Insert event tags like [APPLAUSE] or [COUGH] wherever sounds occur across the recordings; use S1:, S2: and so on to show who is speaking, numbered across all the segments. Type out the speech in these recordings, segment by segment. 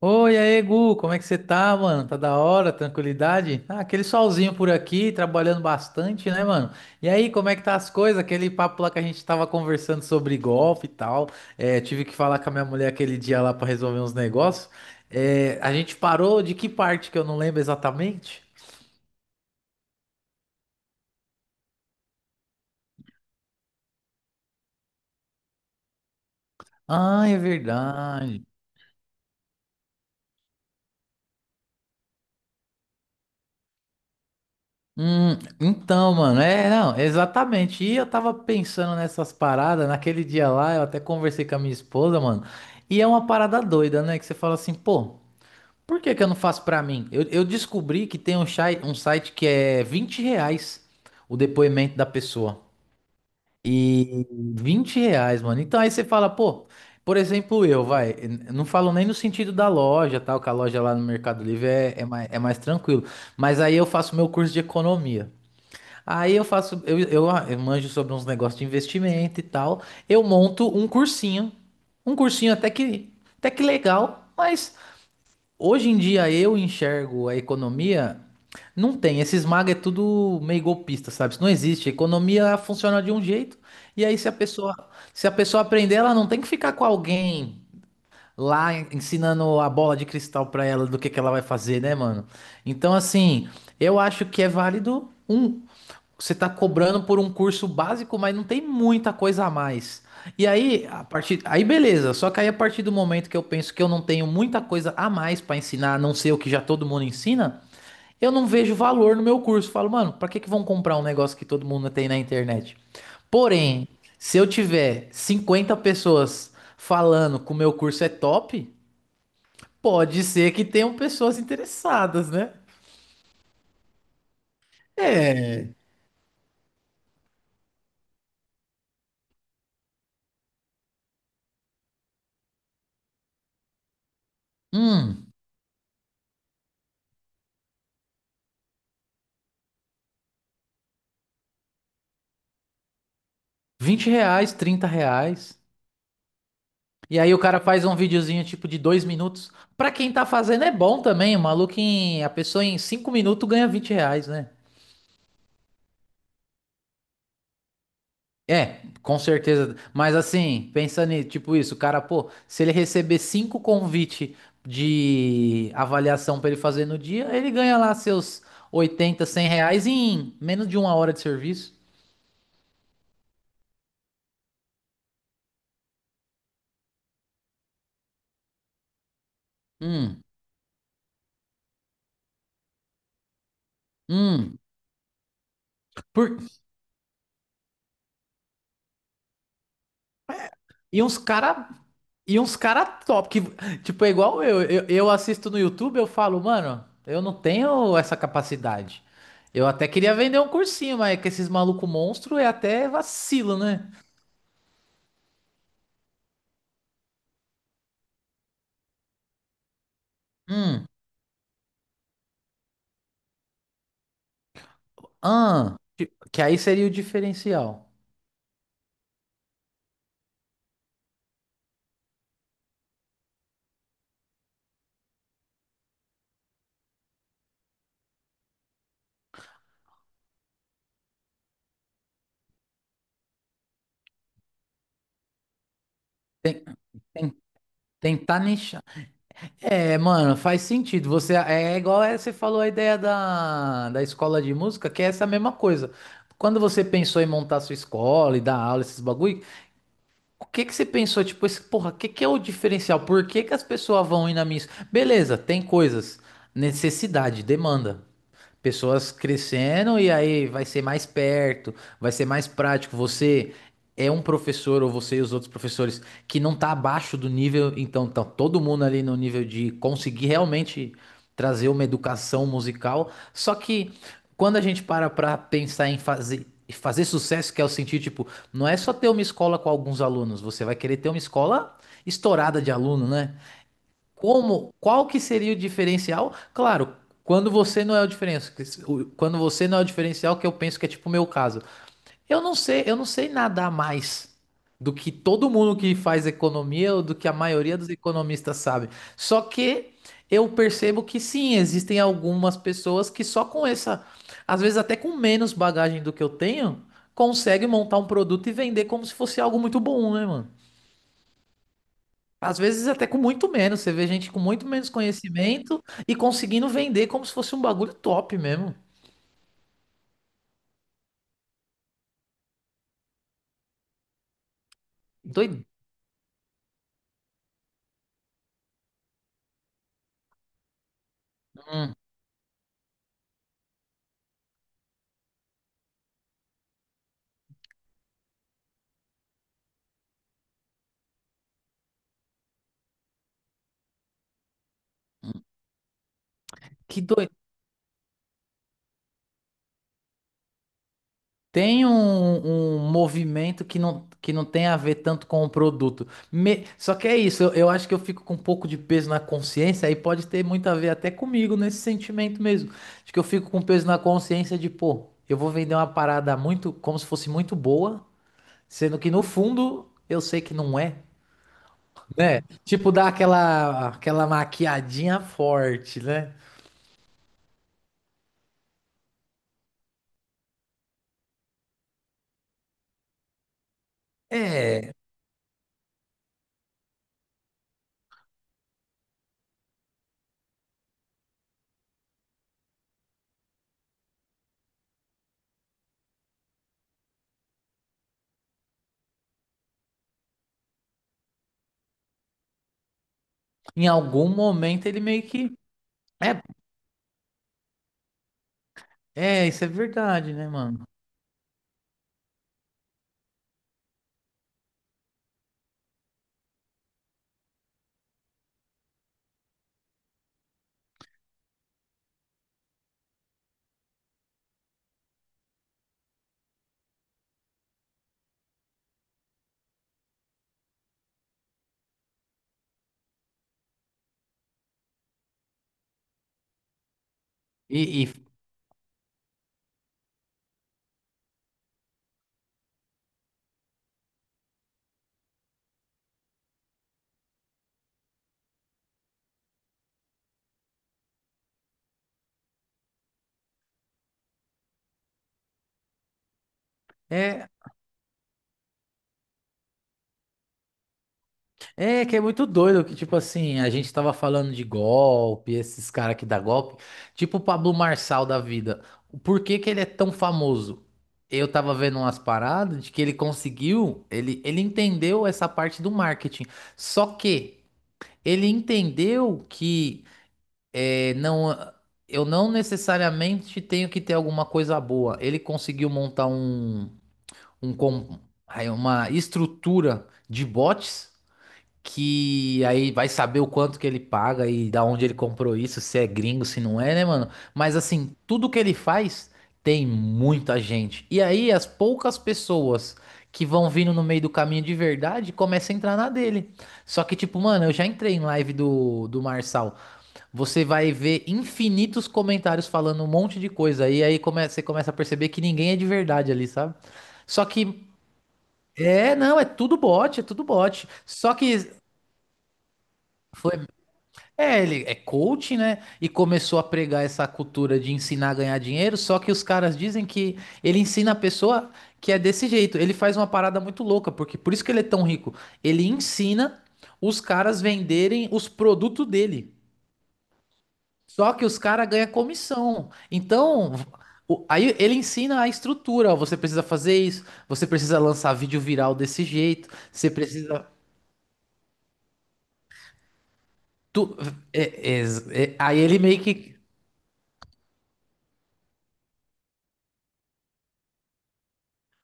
S1: Oi, aí, Gu, como é que você tá, mano? Tá da hora, tranquilidade? Ah, aquele solzinho por aqui, trabalhando bastante, né, mano? E aí, como é que tá as coisas? Aquele papo lá que a gente tava conversando sobre golfe e tal. É, tive que falar com a minha mulher aquele dia lá pra resolver uns negócios. É, a gente parou de que parte que eu não lembro exatamente? Ah, é verdade. Hum. Então, mano, é, não, exatamente. E eu tava pensando nessas paradas, naquele dia lá, eu até conversei com a minha esposa, mano, e é uma parada doida, né? Que você fala assim, pô, por que que eu não faço pra mim? Eu descobri que tem um site que é R$ 20 o depoimento da pessoa. E R$ 20, mano. Então aí você fala, pô, por exemplo, eu, vai, eu não falo nem no sentido da loja, tal, que a loja lá no Mercado Livre é mais tranquilo. Mas aí eu faço meu curso de economia. Aí eu faço, eu manjo sobre uns negócios de investimento e tal. Eu monto um cursinho. Um cursinho até que legal, mas hoje em dia eu enxergo a economia. Não tem, esses maga é tudo meio golpista, sabe? Isso não existe. A economia funciona de um jeito, e aí se a pessoa aprender, ela não tem que ficar com alguém lá ensinando a bola de cristal pra ela do que ela vai fazer, né, mano? Então, assim, eu acho que é válido um. Você está cobrando por um curso básico, mas não tem muita coisa a mais. E aí, aí beleza. Só que aí a partir do momento que eu penso que eu não tenho muita coisa a mais para ensinar, a não ser o que já todo mundo ensina, eu não vejo valor no meu curso. Falo, mano, para que que vão comprar um negócio que todo mundo tem na internet? Porém, se eu tiver 50 pessoas falando que o meu curso é top, pode ser que tenham pessoas interessadas, né? É. Hum, R$ 20, R$ 30. E aí o cara faz um videozinho tipo de 2 minutos. Pra quem tá fazendo é bom também. A pessoa em 5 minutos ganha R$ 20, né? É, com certeza. Mas assim, pensando em tipo isso, o cara, pô, se ele receber cinco convite de avaliação pra ele fazer no dia, ele ganha lá seus 80 100 reais em menos de uma hora de serviço. Hum, hum. Por, E uns cara. E uns cara top. Que, tipo, é igual eu. Eu assisto no YouTube, eu falo, mano, eu não tenho essa capacidade. Eu até queria vender um cursinho, mas é que esses maluco monstro é até vacilo, né? Hum. Que aí seria o diferencial. Ten- Tentar nichar. É, mano, faz sentido. Você é igual é, você falou a ideia da escola de música, que é essa mesma coisa. Quando você pensou em montar sua escola e dar aula, esses bagulho, o que que você pensou, tipo, esse, porra, o que que é o diferencial? Por que que as pessoas vão ir na minha... Beleza, tem coisas, necessidade, demanda, pessoas crescendo e aí vai ser mais perto, vai ser mais prático. Você é um professor ou você e os outros professores que não tá abaixo do nível, então tá todo mundo ali no nível de conseguir realmente trazer uma educação musical. Só que quando a gente para pra pensar em fazer sucesso, que é o sentido, tipo, não é só ter uma escola com alguns alunos, você vai querer ter uma escola estourada de aluno, né? Como, qual que seria o diferencial? Claro, quando você não é o diferencial, quando você não é o diferencial, que eu penso que é tipo o meu caso. Eu não sei nadar mais do que todo mundo que faz economia ou do que a maioria dos economistas sabe. Só que eu percebo que sim, existem algumas pessoas que só com essa, às vezes até com menos bagagem do que eu tenho, conseguem montar um produto e vender como se fosse algo muito bom, né, mano? Às vezes até com muito menos. Você vê gente com muito menos conhecimento e conseguindo vender como se fosse um bagulho top mesmo. Doido. Hum, que doido. Tem um movimento que não tem a ver tanto com o produto. Só que é isso, eu acho que eu fico com um pouco de peso na consciência, aí pode ter muito a ver até comigo nesse sentimento mesmo. Acho que eu fico com peso na consciência de, pô, eu vou vender uma parada muito, como se fosse muito boa, sendo que no fundo eu sei que não é. Né? Tipo, dá aquela, aquela maquiadinha forte, né? É, em algum momento ele meio que. É, é, isso é verdade, né, mano? E, e- é, é, que é muito doido que, tipo assim, a gente tava falando de golpe, esses caras que dá golpe, tipo o Pablo Marçal da vida. Por que que ele é tão famoso? Eu tava vendo umas paradas de que ele conseguiu, ele entendeu essa parte do marketing. Só que ele entendeu que é, não, eu não necessariamente tenho que ter alguma coisa boa. Ele conseguiu montar um com- aí uma estrutura de bots que aí vai saber o quanto que ele paga e da onde ele comprou isso, se é gringo, se não é, né, mano? Mas assim, tudo que ele faz tem muita gente. E aí as poucas pessoas que vão vindo no meio do caminho de verdade começam a entrar na dele. Só que tipo, mano, eu já entrei em live do Marçal. Você vai ver infinitos comentários falando um monte de coisa. E aí você começa a perceber que ninguém é de verdade ali, sabe? Só que. É, não, é tudo bot, é tudo bot. Só que foi. É, ele é coach, né? E começou a pregar essa cultura de ensinar a ganhar dinheiro. Só que os caras dizem que ele ensina a pessoa que é desse jeito. Ele faz uma parada muito louca, porque por isso que ele é tão rico. Ele ensina os caras venderem os produtos dele. Só que os caras ganham comissão. Então, aí ele ensina a estrutura. Ó, você precisa fazer isso, você precisa lançar vídeo viral desse jeito, você precisa. tu- aí ele meio que.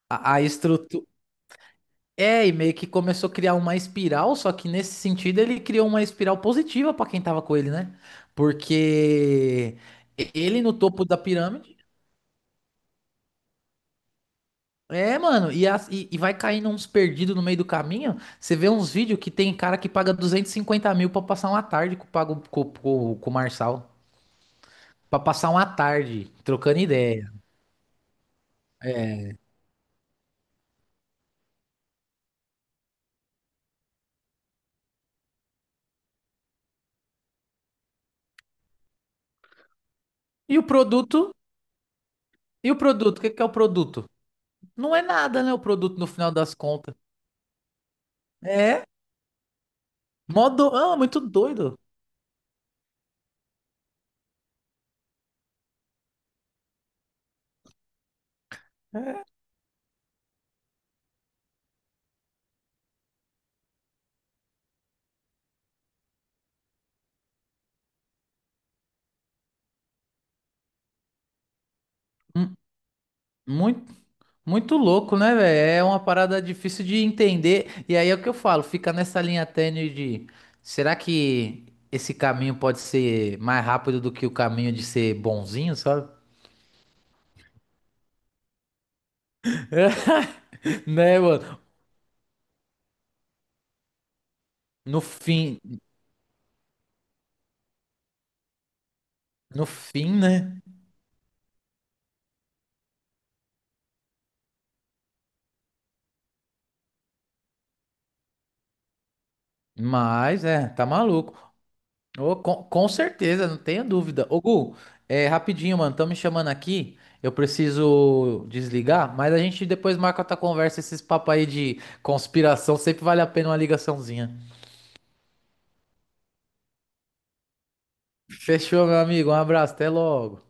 S1: A estrutura. É, e meio que começou a criar uma espiral, só que nesse sentido ele criou uma espiral positiva pra quem tava com ele, né? Porque ele no topo da pirâmide. É, mano, e vai caindo uns perdidos no meio do caminho. Você vê uns vídeos que tem cara que paga 250 mil pra passar uma tarde com, pago- com o Marçal. Pra passar uma tarde trocando ideia. E o produto? E o produto? O que que é o produto? Não é nada, né? O produto no final das contas. É? Modo. Ah, muito doido. Hum. Muito. Muito louco, né, velho? É uma parada difícil de entender. E aí é o que eu falo, fica nessa linha tênue de será que esse caminho pode ser mais rápido do que o caminho de ser bonzinho, sabe? [LAUGHS] Né, mano? No fim, no fim, né? Mas é, tá maluco. Ô, com certeza, não tenha dúvida. Ô, Gu, é, rapidinho, mano, estão me chamando aqui. Eu preciso desligar, mas a gente depois marca outra conversa. Esses papos aí de conspiração sempre vale a pena uma ligaçãozinha. Fechou, meu amigo. Um abraço, até logo.